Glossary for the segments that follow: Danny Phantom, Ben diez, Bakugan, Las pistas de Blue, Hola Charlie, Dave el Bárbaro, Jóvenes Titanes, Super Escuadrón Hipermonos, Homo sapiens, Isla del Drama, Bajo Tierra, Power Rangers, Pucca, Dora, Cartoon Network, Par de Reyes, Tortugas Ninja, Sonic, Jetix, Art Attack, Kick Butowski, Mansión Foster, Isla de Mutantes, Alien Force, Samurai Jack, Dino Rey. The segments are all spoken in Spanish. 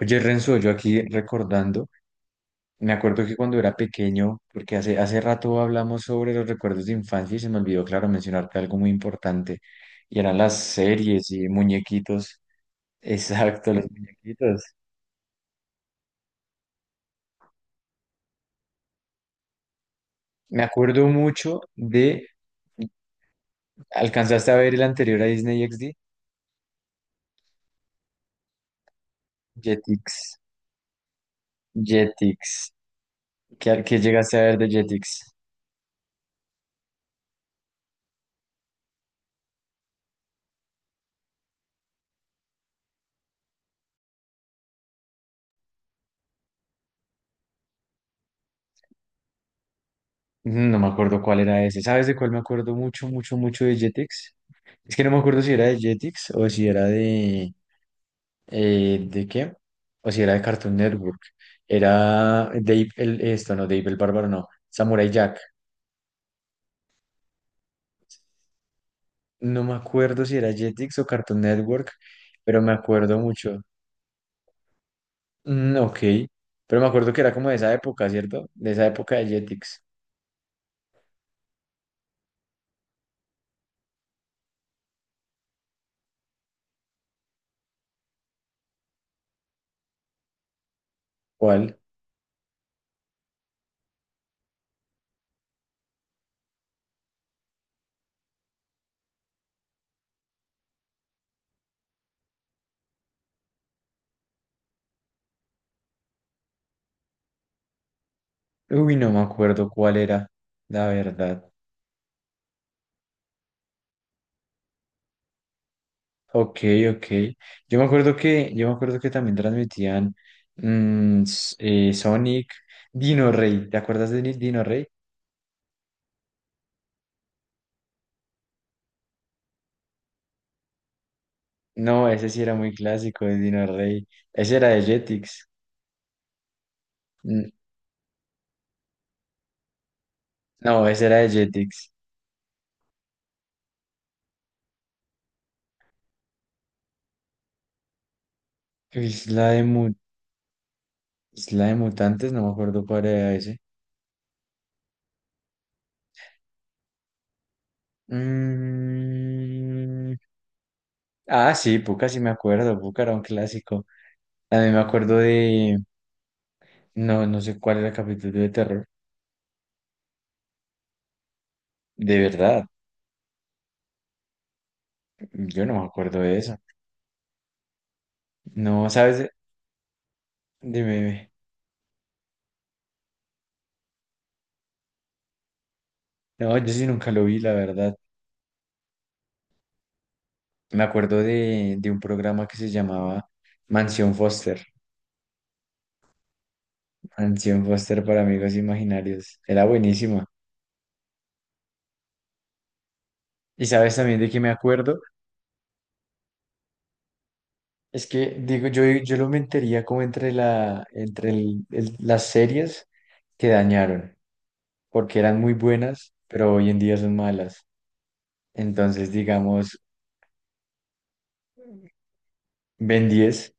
Oye, Renzo, yo aquí recordando, me acuerdo que cuando era pequeño, porque hace rato hablamos sobre los recuerdos de infancia y se me olvidó, claro, mencionarte algo muy importante, y eran las series y muñequitos. Exacto, los muñequitos. Me acuerdo mucho de, ¿alcanzaste a ver el anterior a Disney XD? Jetix, Jetix. ¿Qué llegaste a ver de Jetix? No me acuerdo cuál era ese. ¿Sabes de cuál me acuerdo mucho, mucho, mucho de Jetix? Es que no me acuerdo si era de Jetix o si era de ¿de qué? O si era de Cartoon Network. Era Dave el... Esto, no, Dave el Bárbaro, no. Samurai Jack. No me acuerdo si era Jetix o Cartoon Network, pero me acuerdo mucho. Ok. Pero me acuerdo que era como de esa época, ¿cierto? De esa época de Jetix. ¿Cuál? Uy, no me acuerdo cuál era, la verdad. Ok, ok. Yo me acuerdo que también transmitían Sonic, Dino Rey. ¿Te acuerdas de Dino Rey? No, ese sí era muy clásico de Dino Rey. Ese era de Jetix. N- No, ese era de Jetix. Isla de Mu- Isla de Mutantes, no me acuerdo cuál era ese. Mm, Ah, sí, Pucca sí me acuerdo. Pucca era un clásico. También me acuerdo de. No, no sé cuál era el capítulo de terror. De verdad, yo no me acuerdo de eso. No, sabes, dime, dime. No, yo sí nunca lo vi, la verdad. Me acuerdo de un programa que se llamaba Mansión Foster. Mansión Foster para amigos imaginarios. Era buenísima. Y sabes también de qué me acuerdo. Es que, digo, yo lo metería como entre, la, entre las series que dañaron, porque eran muy buenas, pero hoy en día son malas. Entonces, digamos, Ben 10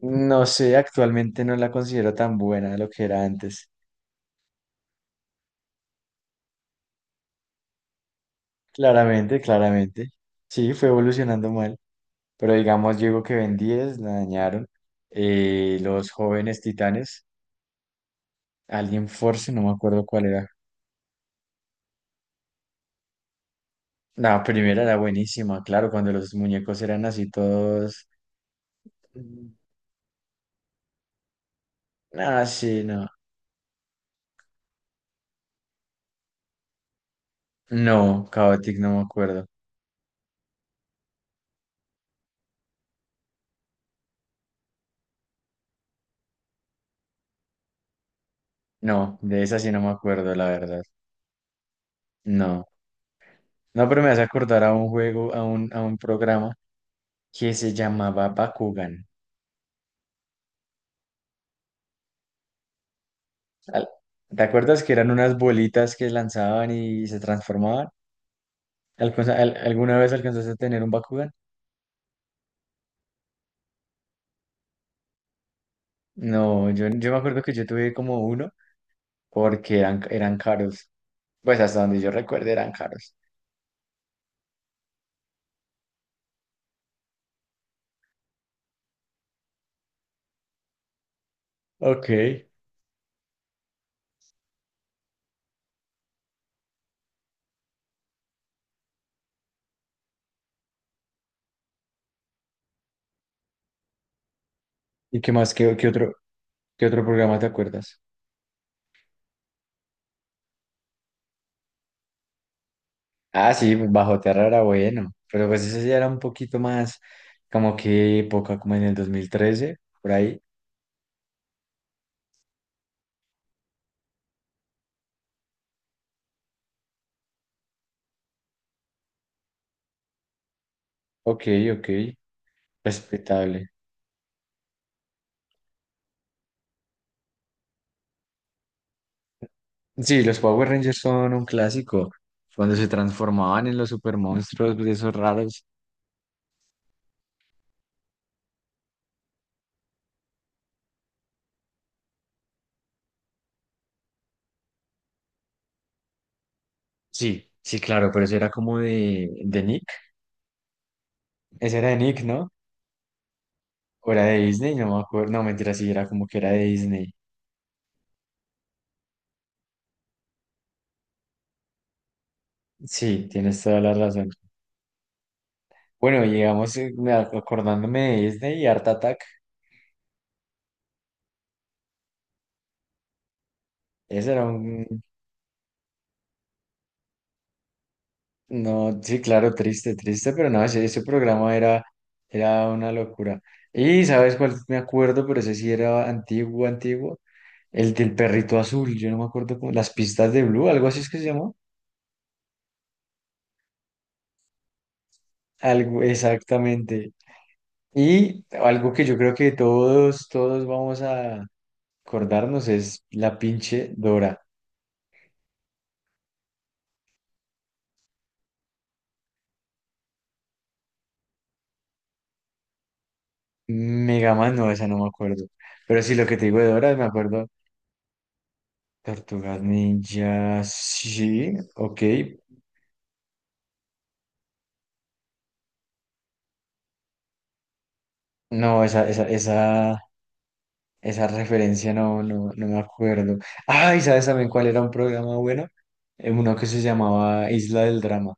no sé, actualmente no la considero tan buena de lo que era antes. Claramente, claramente. Sí, fue evolucionando mal, pero digamos, llegó que Ben 10 la dañaron. Los jóvenes titanes, Alien Force, no me acuerdo cuál era. La primera era buenísima, claro, cuando los muñecos eran así todos. Ah, sí, no. No, Chaotic no me acuerdo. No, de esa sí no me acuerdo, la verdad. No. No, pero me hace acordar a un juego, a un programa que se llamaba Bakugan. Al- ¿Te acuerdas que eran unas bolitas que lanzaban y se transformaban? ¿Alguna vez alcanzaste a tener un Bakugan? No, yo me acuerdo que yo tuve como uno porque eran caros. Pues hasta donde yo recuerde eran caros. Ok. ¿Y qué más? ¿Qué otro programa te acuerdas? Ah, sí, Bajo Tierra era bueno, pero pues ese ya era un poquito más como que época, como en el 2013 por ahí. Ok, ok, respetable. Sí, los Power Rangers son un clásico. Cuando se transformaban en los super monstruos de esos raros. Sí, sí, claro, pero eso era como de Nick. Ese era de Nick, ¿no? O era de Disney, no me acuerdo. No, mentira, sí, era como que era de Disney. Sí, tienes toda la razón. Bueno, llegamos acordándome de Disney y Art Attack. Ese era un. No, sí, claro, triste, triste, pero no, ese programa era, era una locura. Y, ¿sabes cuál me acuerdo? Pero ese sí era antiguo, antiguo. El del perrito azul, yo no me acuerdo cómo. Las pistas de Blue, algo así es que se llamó. Algo, exactamente. Y algo que yo creo que todos vamos a acordarnos es la pinche Dora. Mega Man, no, esa no me acuerdo. Pero sí, lo que te digo de Dora, me acuerdo. Tortugas Ninja, sí, ok. No, esa referencia no, no me acuerdo. Ay, ¿sabes también cuál era un programa bueno? Uno que se llamaba Isla del Drama.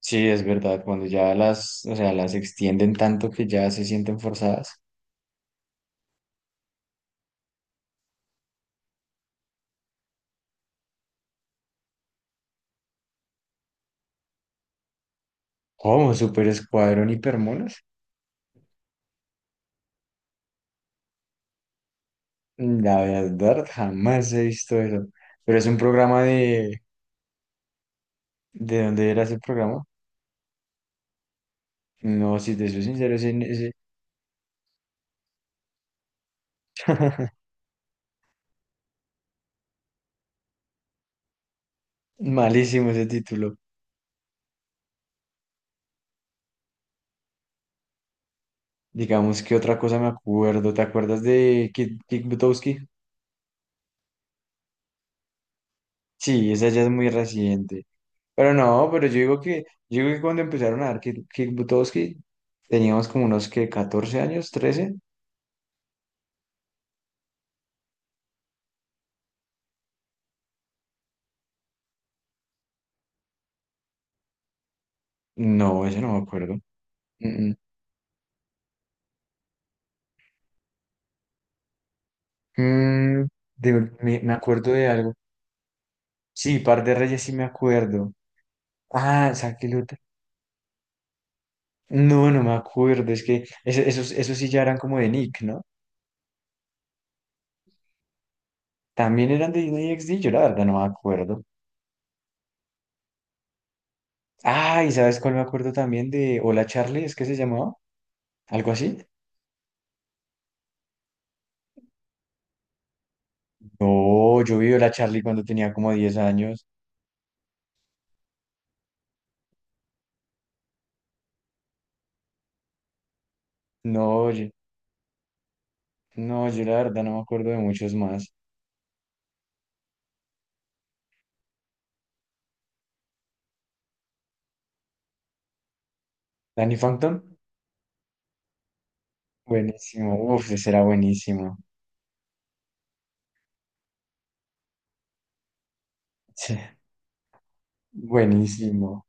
Sí, es verdad, cuando ya las, o sea, las extienden tanto que ya se sienten forzadas. ¿Cómo? ¿Super Escuadrón Hipermonos? La verdad, jamás he visto eso. Pero es un programa de... ¿De dónde era ese programa? No, si te soy sincero, ese. Malísimo ese título. Digamos que otra cosa me acuerdo. ¿Te acuerdas de Kick Butowski? Sí, esa ya es muy reciente. Pero no, pero yo digo que cuando empezaron a dar kick Butowski, teníamos como unos que 14 años, trece. No, eso no me acuerdo. Mm, mm. Mm, me acuerdo de algo. Sí, Par de Reyes sí me acuerdo. Ah, Zack y no, no me acuerdo. Es que esos sí ya eran como de Nick, ¿no? También eran de Disney XD, yo la verdad no me acuerdo. Ah, ¿y sabes cuál me acuerdo también de Hola Charlie? ¿Es que se llamaba? ¿Algo así? No, yo vi Hola Charlie cuando tenía como 10 años. No, oye, no, yo la verdad no me acuerdo de muchos más. Danny Phantom, buenísimo, uf, ese era buenísimo, sí, buenísimo.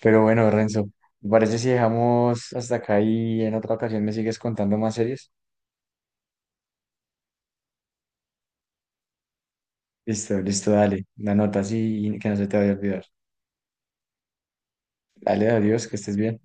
Pero bueno, Renzo, ¿te parece si dejamos hasta acá y en otra ocasión me sigues contando más series? Listo, listo, dale, la nota así que no se te vaya a olvidar. Dale, adiós, que estés bien.